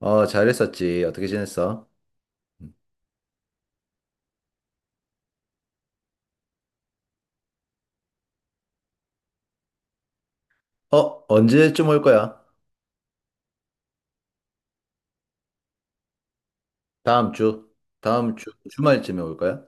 어, 잘했었지. 어떻게 지냈어? 어, 언제쯤 올 거야? 다음 주. 다음 주 주말쯤에 올 거야?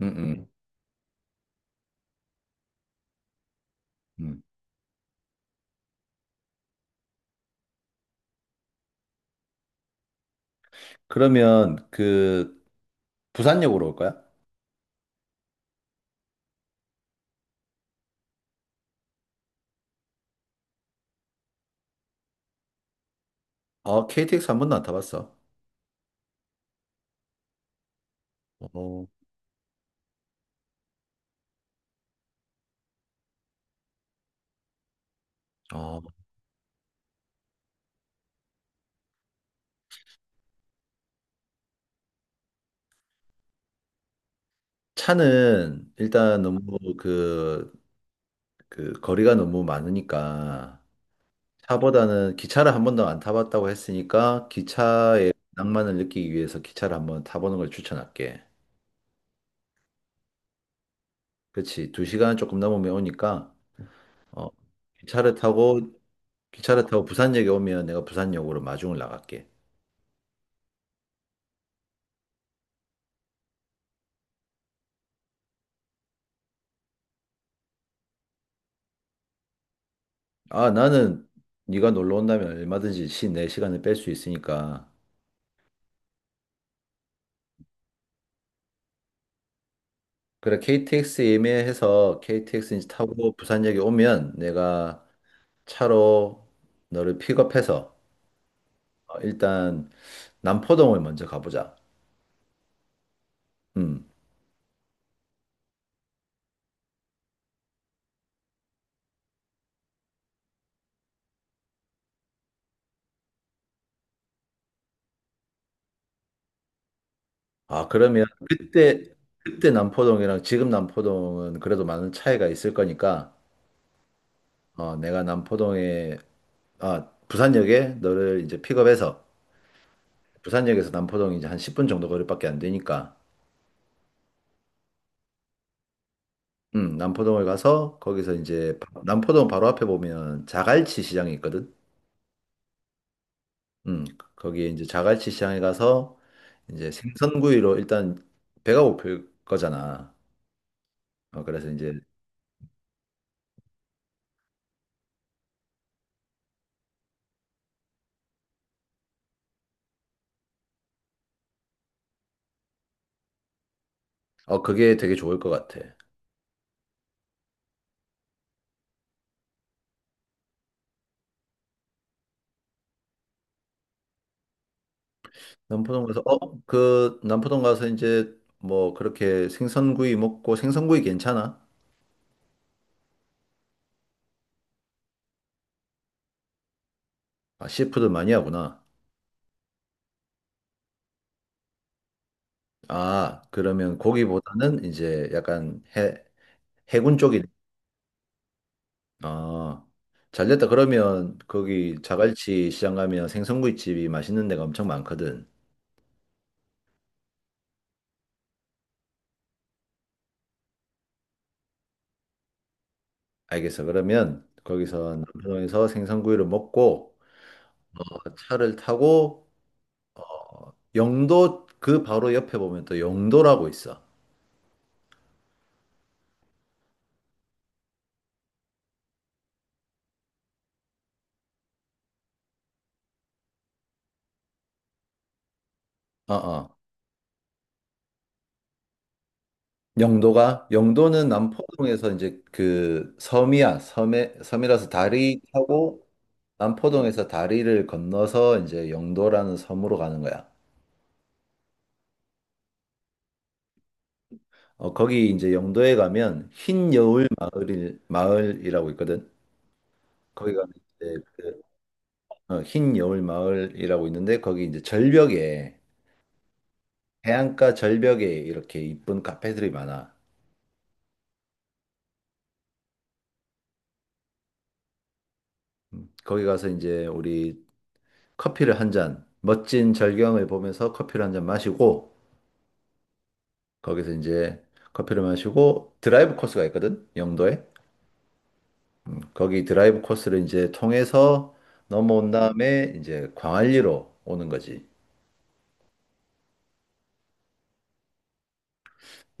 응, 응. 응. 그러면 그 부산역으로 올 거야? 어, KTX 한 번도 안 타봤어. 어, 어. 차는 일단 너무 그, 그 거리가 너무 많으니까 차보다는 기차를 한 번도 안 타봤다고 했으니까 기차의 낭만을 느끼기 위해서 기차를 한번 타보는 걸 추천할게. 그렇지. 두 시간 조금 넘으면 오니까 어, 기차를 타고 기차를 타고 부산역에 오면 내가 부산역으로 마중을 나갈게. 아, 나는 네가 놀러 온다면 얼마든지 내 시간을 뺄 수 있으니까. 그래, KTX 예매해서 KTX 이제 타고 부산역에 오면 내가 차로 너를 픽업해서 일단 남포동을 먼저 가보자. 음. 아, 그러면 그때 남포동이랑 지금 남포동은 그래도 많은 차이가 있을 거니까 어, 내가 남포동에 부산역에 너를 이제 픽업해서 부산역에서 남포동 이제 한 10분 정도 거리밖에 안 되니까 남포동을 가서 거기서 이제 남포동 바로 앞에 보면 자갈치 시장이 있거든. 음, 거기에 이제 자갈치 시장에 가서 이제 생선구이로 일단 배가 고플 거잖아. 어, 그래서 이제 어 그게 되게 좋을 것 같아. 남포동 가서 이제 뭐 그렇게 생선구이 먹고 생선구이 괜찮아? 아, 시푸드 많이 하구나. 아, 그러면 거기보다는 이제 약간 해군 쪽이, 아, 잘 됐다. 그러면 거기 자갈치 시장 가면 생선구이집이 맛있는 데가 엄청 많거든. 알겠어. 그러면 거기서 남포동에서 생선구이를 먹고 차를 타고 영도 그 바로 옆에 보면 또 영도라고 있어. 어, 어. 영도가 영도는 남포동에서 이제 그 섬이야. 섬에 섬이라서 다리 타고 남포동에서 다리를 건너서 이제 영도라는 섬으로 가는 거야. 거기 이제 영도에 가면 흰 여울 마을이라고 있거든. 거기 가면 이제 그, 흰 여울 마을이라고 있는데 거기 이제 절벽에 해안가 절벽에 이렇게 이쁜 카페들이 많아. 거기 가서 이제 우리 커피를 한 잔, 멋진 절경을 보면서 커피를 한 잔 마시고 거기서 이제 커피를 마시고 드라이브 코스가 있거든. 영도에. 거기 드라이브 코스를 이제 통해서 넘어온 다음에 이제 광안리로 오는 거지.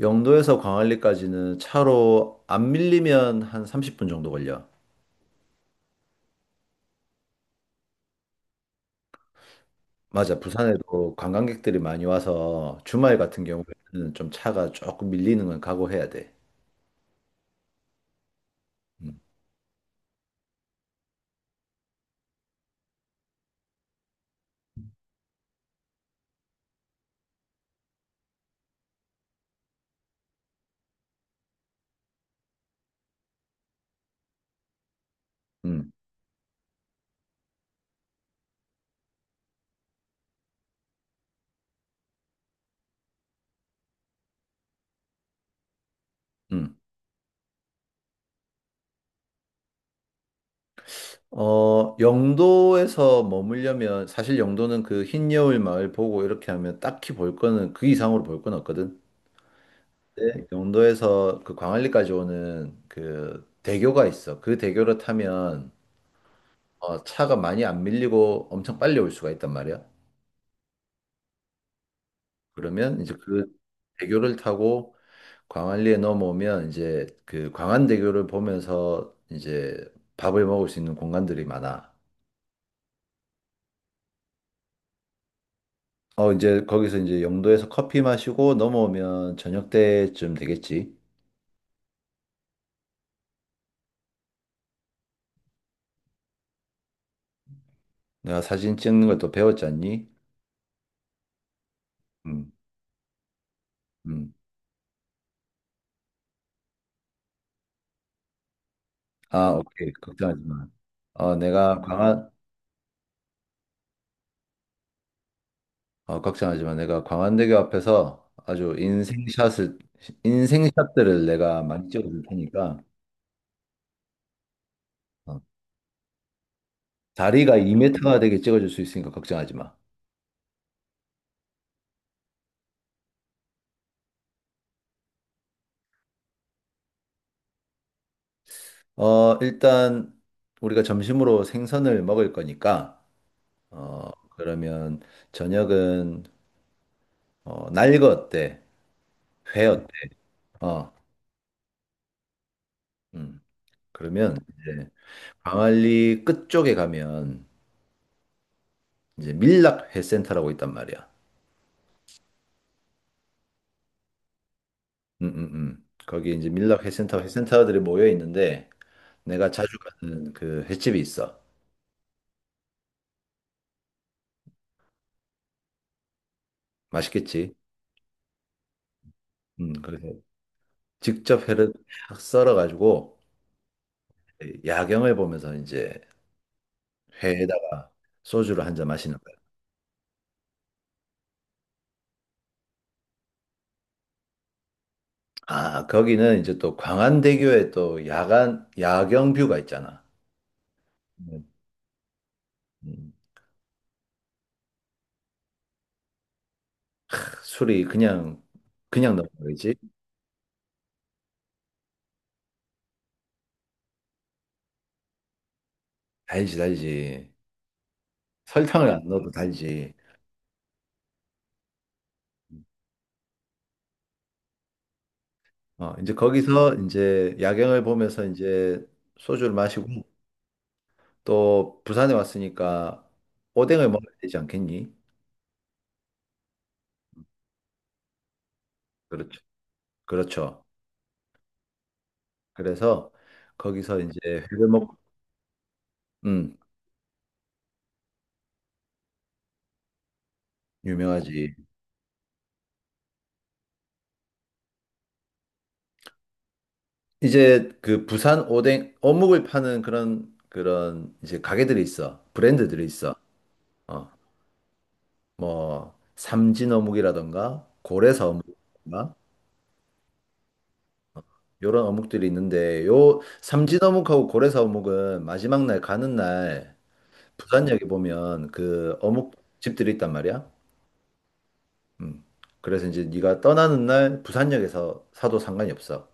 영도에서 광안리까지는 차로 안 밀리면 한 30분 정도 걸려. 맞아. 부산에도 관광객들이 많이 와서 주말 같은 경우에는 좀 차가 조금 밀리는 건 각오해야 돼. 음, 음, 음. 영도에서 머물려면 사실 영도는 그 흰여울 마을 보고 이렇게 하면 딱히 볼 거는 그 이상으로 볼 건 없거든. 네, 그도에서 그 광안리까지 오는 그 대교가 있어. 그 대교를 타면 차가 많이 안 밀리고 엄청 빨리 올 수가 있단 말이야. 그러면 이제 그 대교를 타고 광안리에 넘어오면 이제 그 광안대교를 보면서 이제 밥을 먹을 수 있는 공간들이 많아. 이제 거기서 이제 영도에서 커피 마시고 넘어오면 저녁 때쯤 되겠지. 내가 사진 찍는 걸 또 배웠잖니? 음, 음. 아, 오케이. 걱정하지 마. 어, 내가 광안, 걱정하지만 내가 광안대교 앞에서 아주 인생샷을 인생샷들을 내가 많이 찍어줄 테니까 어, 다리가 2m가 되게 찍어줄 수 있으니까 걱정하지 마. 일단 우리가 점심으로 생선을 먹을 거니까 어, 그러면 저녁은 날거 어때? 회 어때? 어, 음. 그러면 이제 광안리 끝쪽에 가면 이제 밀락회센터라고 있단 말이야. 거기 이제 밀락 회센터들이 모여 있는데 내가 자주 가는 그 횟집이 있어. 맛있겠지? 그래서 직접 회를 딱 썰어가지고 야경을 보면서 이제 회에다가 소주를 한 잔 마시는 거야. 아, 거기는 이제 또 광안대교에 또 야경 뷰가 있잖아. 음, 음, 술이 그냥 넣는 거지? 달지, 달지. 설탕을 안 넣어도 달지. 이제 거기서 이제 야경을 보면서 이제 소주를 마시고 또 부산에 왔으니까 오뎅을 먹어야 되지 않겠니? 그렇죠. 그렇죠. 그래서 거기서 이제 회를 먹, 음, 유명하지. 이제 그 부산 오뎅, 어묵을 파는 그런 이제 가게들이 있어. 브랜드들이 있어. 어, 뭐, 삼진 어묵이라던가, 고래사 어묵이라던가, 요런 어묵들이 있는데, 요 삼진 어묵하고 고래사 어묵은 마지막 날 가는 날 부산역에 보면 그 어묵 집들이 있단 말이야. 음. 그래서 이제 네가 떠나는 날 부산역에서 사도 상관이 없어.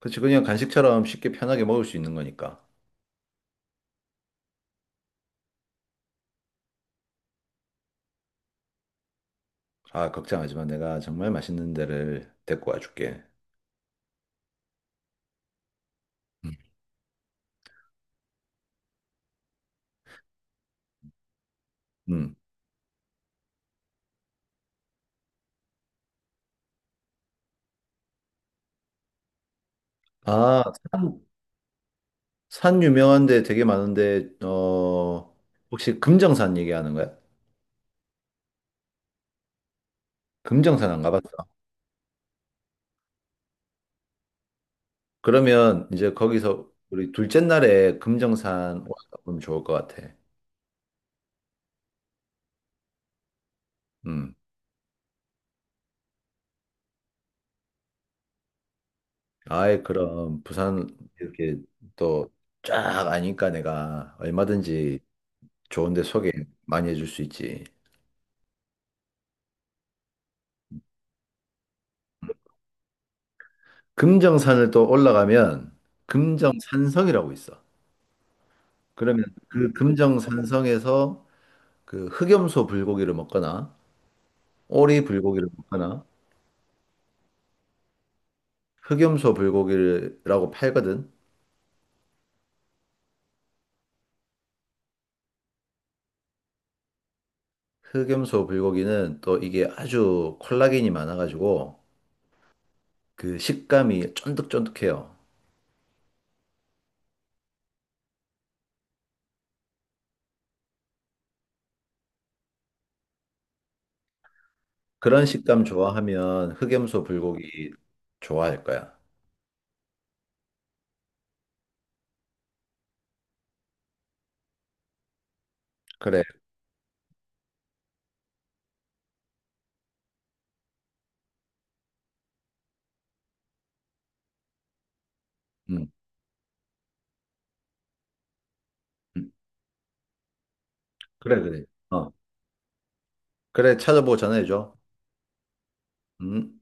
그렇지. 그냥 간식처럼 쉽게 편하게 먹을 수 있는 거니까. 아, 걱정하지 마. 내가 정말 맛있는 데를 데리고 와줄게. 음. 음. 아, 산, 산 유명한 데 되게 많은데, 혹시 금정산 얘기하는 거야? 금정산 안 가봤어? 그러면 이제 거기서 우리 둘째 날에 금정산 와보면 좋을 것 같아. 음. 아이, 그럼, 부산 이렇게 또 쫙 아니까 내가 얼마든지 좋은데 소개 많이 해줄 수 있지. 금정산을 또 올라가면 금정산성이라고 있어. 그러면 그 금정산성에서 그 흑염소 불고기를 먹거나 오리 불고기를 먹거나 흑염소 불고기라고 팔거든. 흑염소 불고기는 또 이게 아주 콜라겐이 많아가지고 그 식감이 쫀득쫀득해요. 그런 식감 좋아하면 흑염소 불고기 좋아할 거야. 그래. 음. 음. 그래, 그래. 어. 그래, 찾아보고 전화해줘. 음.